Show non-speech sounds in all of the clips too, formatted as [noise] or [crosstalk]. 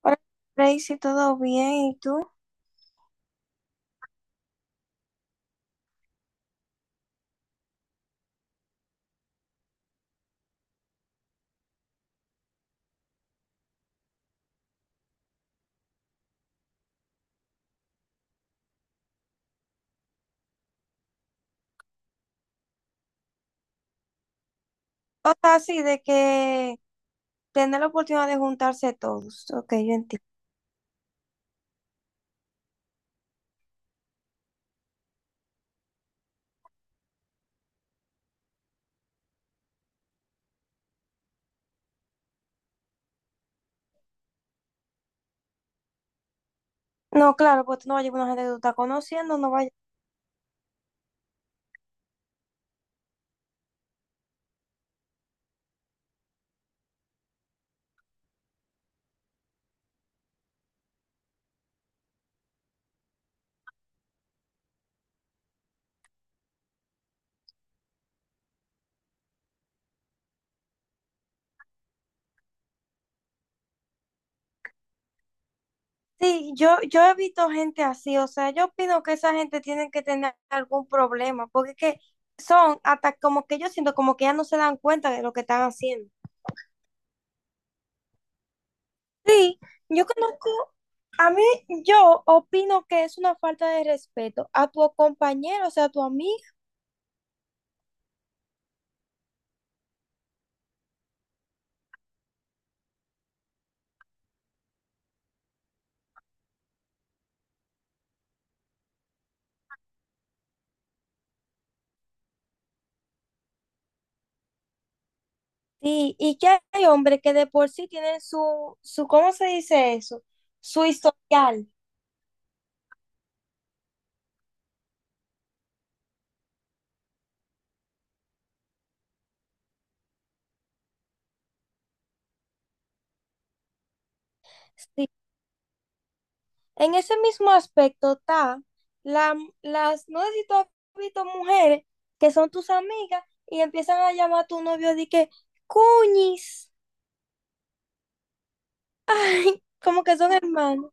Hola, Tracy, ¿todo bien? ¿Y tú? O sea, sí, de que tener la oportunidad de juntarse todos. Ok, yo entiendo. No, claro, pues tú no vas a llevar una gente que tú estás conociendo, no vayas. Sí, yo he visto gente así, o sea, yo opino que esa gente tiene que tener algún problema, porque es que son hasta como que yo siento como que ya no se dan cuenta de lo que están haciendo. Sí, yo conozco, a mí, yo opino que es una falta de respeto a tu compañero, o sea, a tu amigo. Sí, y que hay hombres que de por sí tienen su, ¿cómo se dice eso? Su historial. Sí. En ese mismo aspecto está la, las, no sé si tú has visto mujeres que son tus amigas y empiezan a llamar a tu novio de que, cuñis, [laughs] ay, como que son hermanos.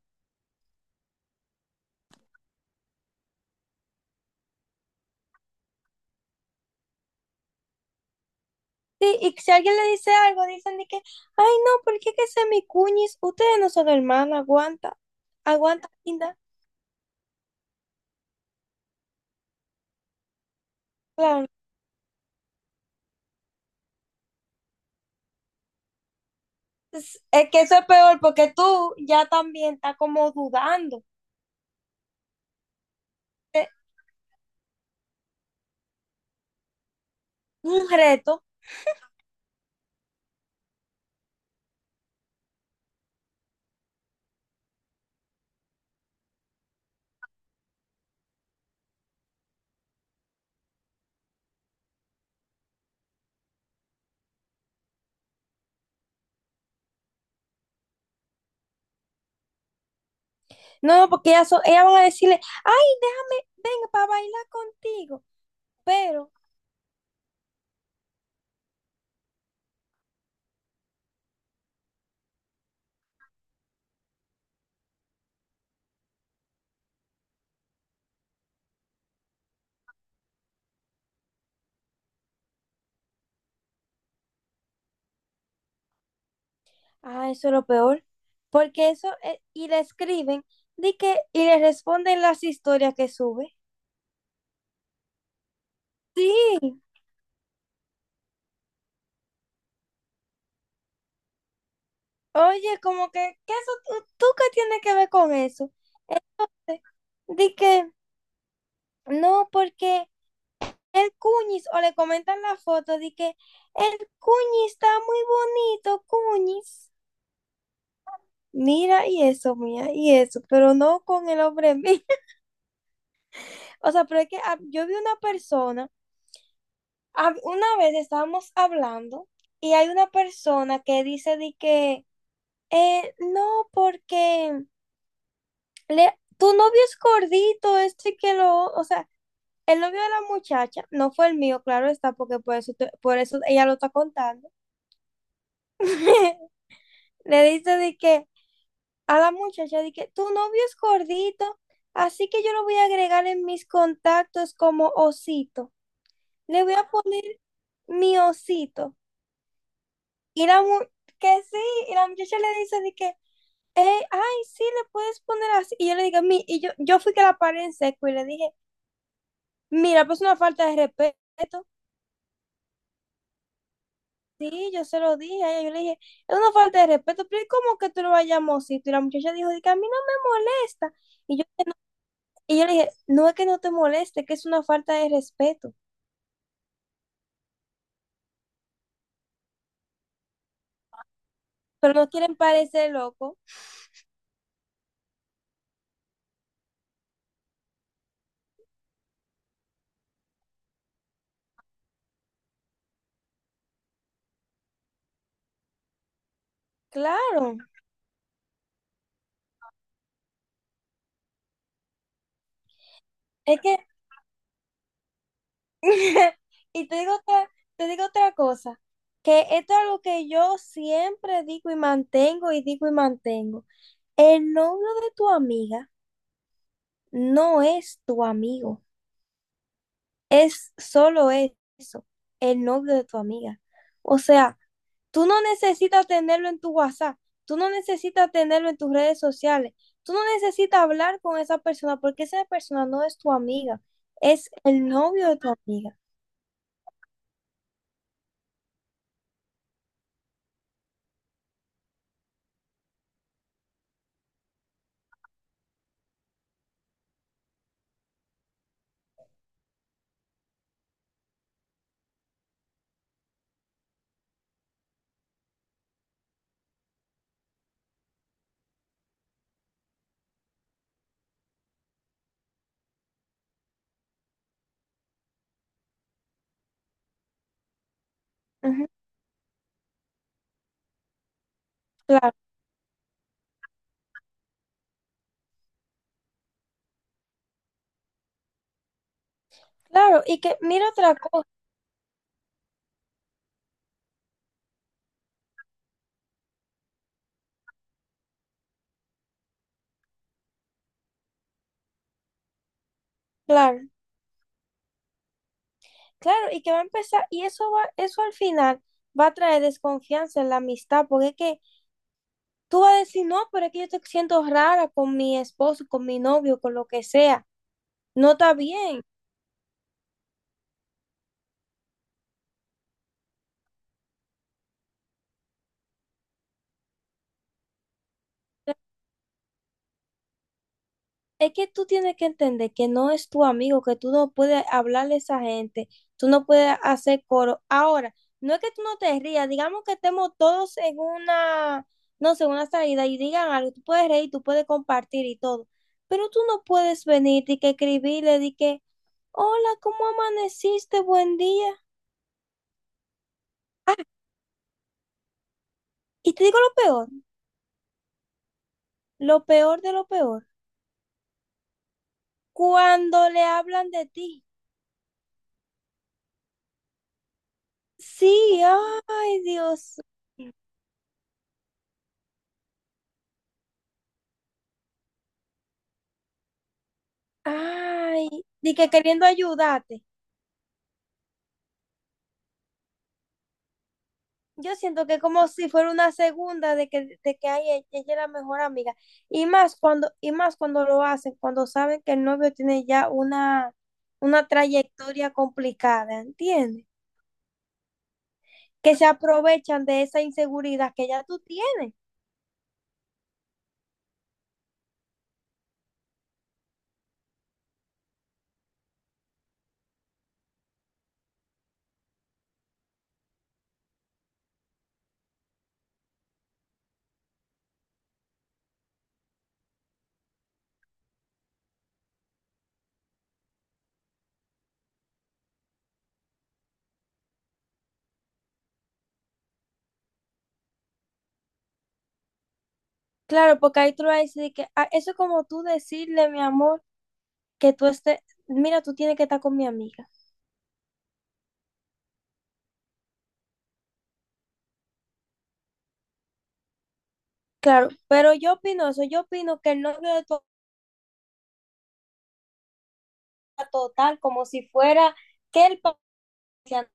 Sí, y si alguien le dice algo, dicen de que, ay, no, ¿por qué que sea mi cuñis? Ustedes no son hermanas, aguanta, aguanta, linda. Claro. Es que eso es peor porque tú ya también estás como dudando. Es un reto. No, no, porque ellas, son- ellas van a decirle, ay, deja- venga para bailar contigo. Pero, ah, eso es lo peor. Porque eso, y le escriben, di que, y le responden las historias que sube. Sí, oye, como que, ¿qué eso, tú qué tienes que ver con eso? Entonces, di que, no, porque el cuñis o le comentan la foto de que el cuñis está muy bonito, cuñis. Mira, y eso, mía, y eso, pero no con el hombre mío. [laughs] O sea, pero es que ah, yo vi una persona, ah, una vez estábamos hablando y hay una persona que dice de que, no, porque le, tu novio es gordito, este que lo, o sea, el novio de la muchacha, no fue el mío, claro está, porque por eso, te- por eso ella lo está contando. [laughs] Le dice de que a la muchacha, de que tu novio es gordito, así que yo lo voy a agregar en mis contactos como osito. Le voy a poner mi osito. Y la mu- que sí, y la muchacha le dice de que: ay, sí, le puedes poner así". Y yo le digo, mi, y yo fui que la paré en seco y le dije, mira, pues una falta de respeto. Sí, yo se lo dije a ella, yo le dije, es una falta de respeto, pero ¿y ¿cómo que tú lo vayamos? Y la muchacha dijo, de que a mí no me molesta. Y yo, y yo le dije, no es que no te moleste, es que es una falta de respeto, pero no quieren parecer locos. Claro, es que, [laughs] y te digo otra cosa, que esto es algo que yo siempre digo y mantengo y digo y mantengo. El novio de tu amiga no es tu amigo. Es solo eso, el novio de tu amiga. O sea, tú no necesitas tenerlo en tu WhatsApp, tú no necesitas tenerlo en tus redes sociales, tú no necesitas hablar con esa persona porque esa persona no es tu amiga, es el novio de tu amiga. Ujú, claro, claro, y que mira otra cosa, claro, claro, y que va a empezar, y eso va, eso al final va a traer desconfianza en la amistad, porque es que tú vas a decir, no, pero es que yo te siento rara con mi esposo, con mi novio, con lo que sea. No está bien. Es que tú tienes que entender que no es tu amigo, que tú no puedes hablarle a esa gente, tú no puedes hacer coro. Ahora, no es que tú no te rías, digamos que estemos todos en una, no sé, una salida y digan algo, tú puedes reír, tú puedes compartir y todo, pero tú no puedes venir y que escribirle, di que, hola, ¿cómo amaneciste? Buen día. Y te digo lo peor de lo peor, cuando le hablan de ti. Sí, ay, Dios. Ay, de que queriendo ayudarte. Yo siento que como si fuera una segunda de que ay, e- ella es la mejor amiga. Y más cuando lo hacen, cuando saben que el novio tiene ya una trayectoria complicada, ¿entiendes? Que se aprovechan de esa inseguridad que ya tú tienes. Claro, porque ahí tú le vas a decir que "Ah, eso es como tú decirle, mi amor, que tú estés, mira, tú tienes que estar con mi amiga". Claro, pero yo opino eso, yo opino que el novio de tu total, como si fuera que el país se